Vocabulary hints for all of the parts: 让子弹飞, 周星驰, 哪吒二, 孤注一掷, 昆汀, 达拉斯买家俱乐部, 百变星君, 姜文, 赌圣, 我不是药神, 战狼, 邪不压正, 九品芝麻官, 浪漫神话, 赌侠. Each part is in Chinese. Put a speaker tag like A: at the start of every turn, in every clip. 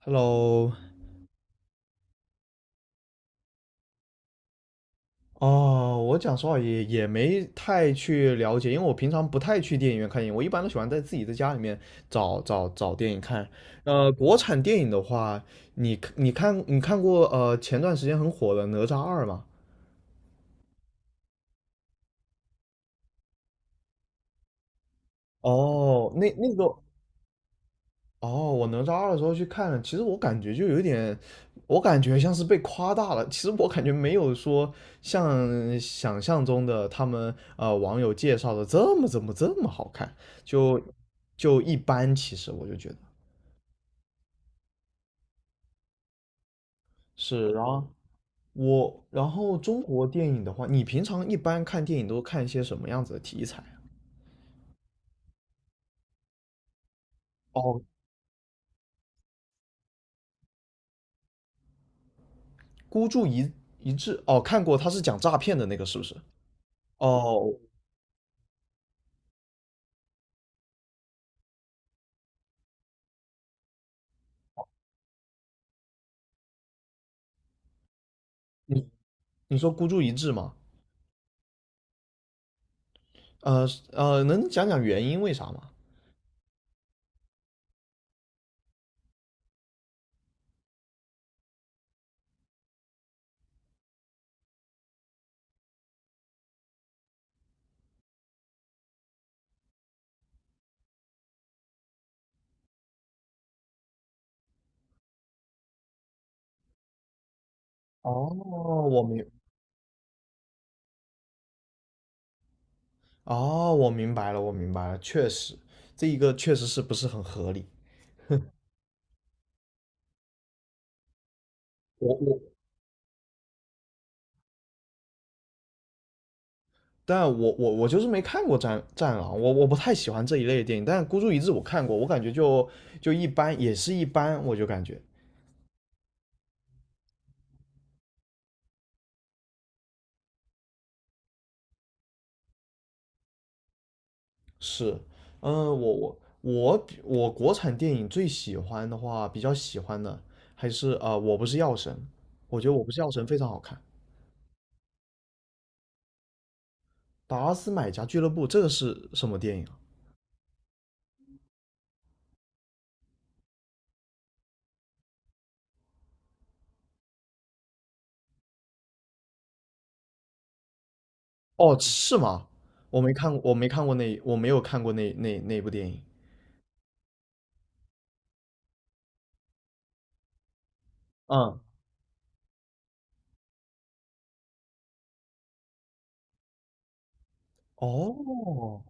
A: Hello，哦，我讲实话也没太去了解，因为我平常不太去电影院看电影，我一般都喜欢在自己在家里面找电影看。国产电影的话，你看过前段时间很火的《哪吒二》吗？哦，那那个哦，我哪吒二的时候去看了，其实我感觉就有点，我感觉像是被夸大了。其实我感觉没有说像想象中的他们网友介绍的这么怎么这么好看，就就一般。其实我就觉得是，然后我然后中国电影的话，你平常一般看电影都看一些什么样子的题材啊？哦，孤注一掷，哦，看过，他是讲诈骗的那个是不是？哦，你你说孤注一掷吗？呃能讲讲原因为啥吗？哦，我明，哦，我明白了，我明白了，确实，这一个确实是不是很合理。我我但我就是没看过战《战狼》，我不太喜欢这一类的电影。但《孤注一掷》我看过，我感觉就一般，也是一般，我就感觉是，嗯，我国产电影最喜欢的话，比较喜欢的还是我不是药神》，我觉得《我不是药神》非常好看。达拉斯买家俱乐部这个是什么电影啊？哦，是吗？我没看，我没看过那，我没有看过那部电影。嗯，哦，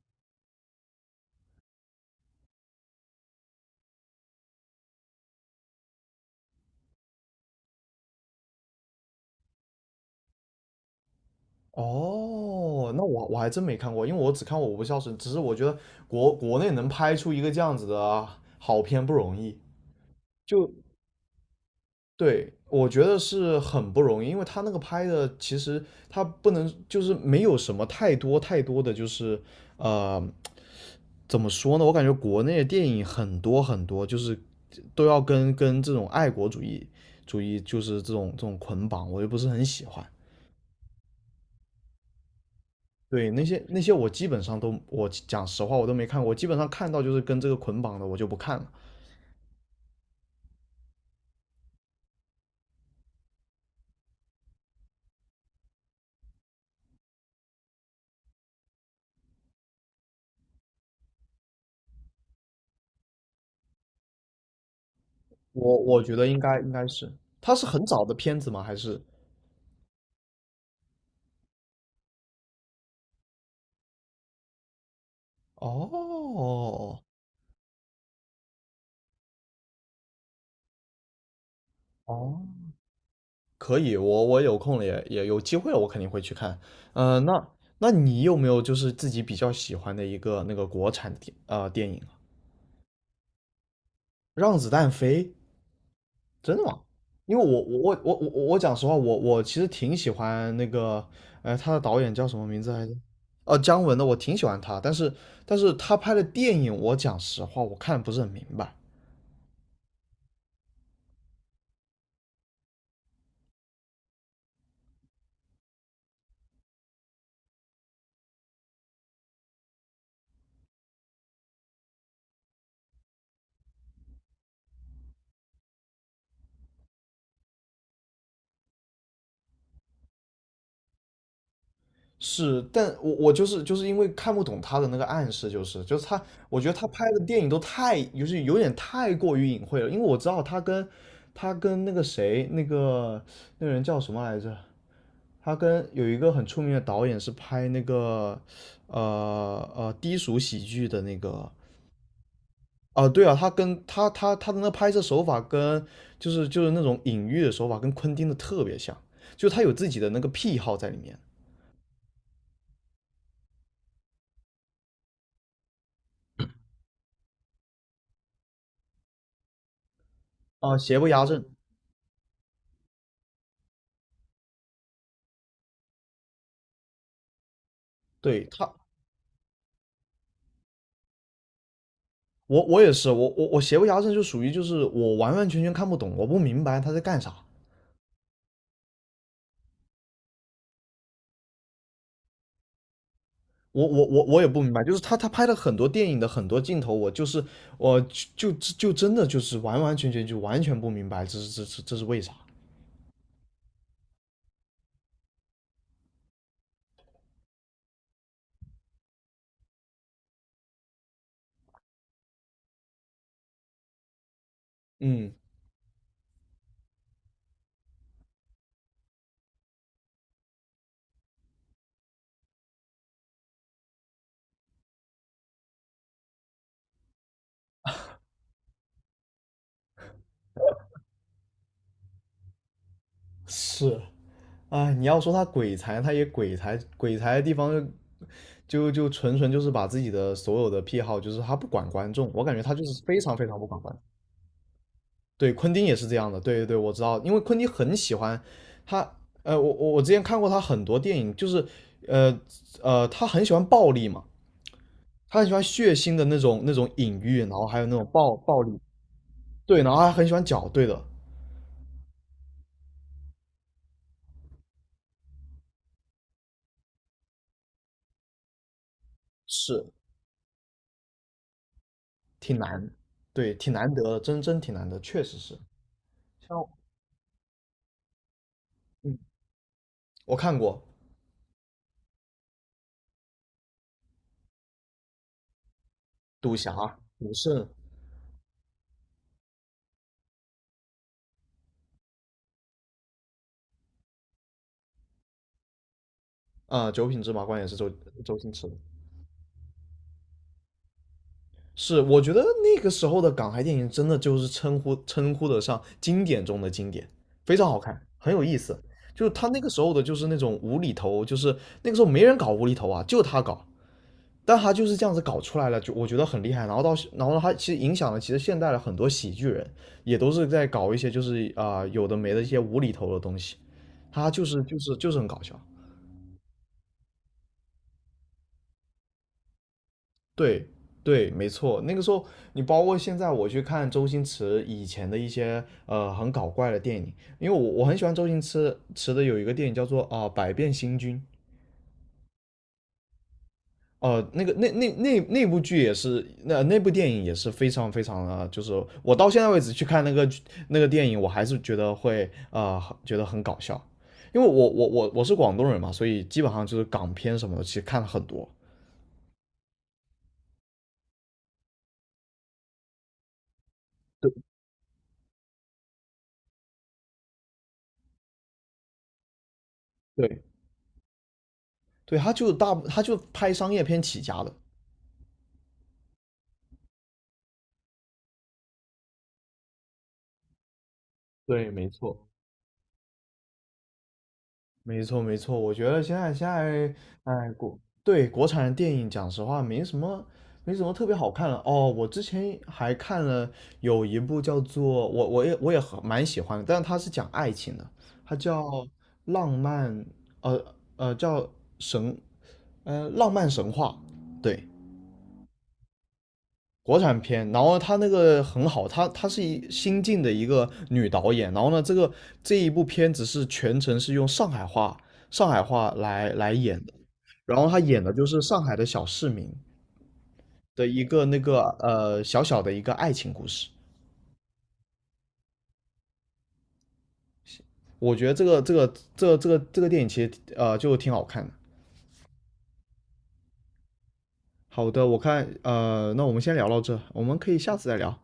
A: 哦，那我我还真没看过，因为我只看过《我不孝顺》，只是我觉得国内能拍出一个这样子的好片不容易。就对，我觉得是很不容易，因为他那个拍的其实他不能就是没有什么太多的就是呃怎么说呢？我感觉国内的电影很多，就是都要跟这种爱国主义就是这种捆绑，我又不是很喜欢。对，那些我基本上都，我讲实话我都没看过，我基本上看到就是跟这个捆绑的，我就不看了。我我觉得应该是，它是很早的片子吗？还是？哦哦，可以，我我有空了也有机会了，我肯定会去看。呃，那那你有没有就是自己比较喜欢的一个那个国产的电影啊？让子弹飞，真的吗？因为我讲实话，我其实挺喜欢那个，呃，他的导演叫什么名字来着？哦，姜文的，我挺喜欢他，但是他拍的电影，我讲实话，我看不是很明白。是，但我就是因为看不懂他的那个暗示，就是他，我觉得他拍的电影都太，就是有点太过于隐晦了，因为我知道他跟他跟那个谁，那个人叫什么来着？他跟有一个很出名的导演是拍那个，呃低俗喜剧的那个，啊对啊，他跟他的那拍摄手法跟那种隐喻的手法跟昆汀的特别像，就他有自己的那个癖好在里面啊，邪不压正，对他，我也是，我邪不压正就属于就是我完完全全看不懂，我不明白他在干啥，我也不明白，就是他他拍了很多电影的很多镜头，我就是我就就就真的就是完完全全就完全不明白这是为啥？嗯，是，哎，你要说他鬼才，他也鬼才，鬼才的地方就纯纯就是把自己的所有的癖好，就是他不管观众，我感觉他就是非常不管观众。对，昆汀也是这样的，对对对，我知道，因为昆汀很喜欢他，呃，我之前看过他很多电影，就是呃他很喜欢暴力嘛。他很喜欢血腥的那种隐喻，然后还有那种暴力，对，然后还很喜欢搅，对的，是挺难，对，挺难得的，真挺难得，确实是。像嗯，我看过《赌侠》《赌圣》啊，九品芝麻官》也是周星驰的。是，我觉得那个时候的港台电影真的就是称呼得上经典中的经典，非常好看，很有意思。就是他那个时候的，就是那种无厘头，就是那个时候没人搞无厘头啊，就他搞，但他就是这样子搞出来了，就我觉得很厉害。然后到，然后他其实影响了，其实现代的很多喜剧人也都是在搞一些就是有的没的一些无厘头的东西，他就是很搞笑。对对，没错。那个时候你包括现在我去看周星驰以前的一些很搞怪的电影，因为我很喜欢周星驰的有一个电影叫做百变星君》，哦，那个那那部剧也是，那部电影也是非常非常的，就是我到现在为止去看那个电影，我还是觉得会觉得很搞笑，因为我是广东人嘛，所以基本上就是港片什么的，其实看了很多。对对，对，他就大，他就拍商业片起家的。对，没错。没错，没错，我觉得现在，哎，国对国产的电影，讲实话，没什么，没什么特别好看了。哦，我之前还看了有一部叫做我也很蛮喜欢的，但是它是讲爱情的，它叫《浪漫》，叫神，呃，《浪漫神话》。对，国产片，然后她那个很好，她她是一新晋的一个女导演，然后呢，这个这一部片子是全程是用上海话来演的，然后她演的就是上海的小市民的一个那个小小的一个爱情故事，我觉得这个电影其实就挺好看的。好的，我看那我们先聊到这，我们可以下次再聊。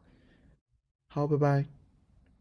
A: 好，拜拜。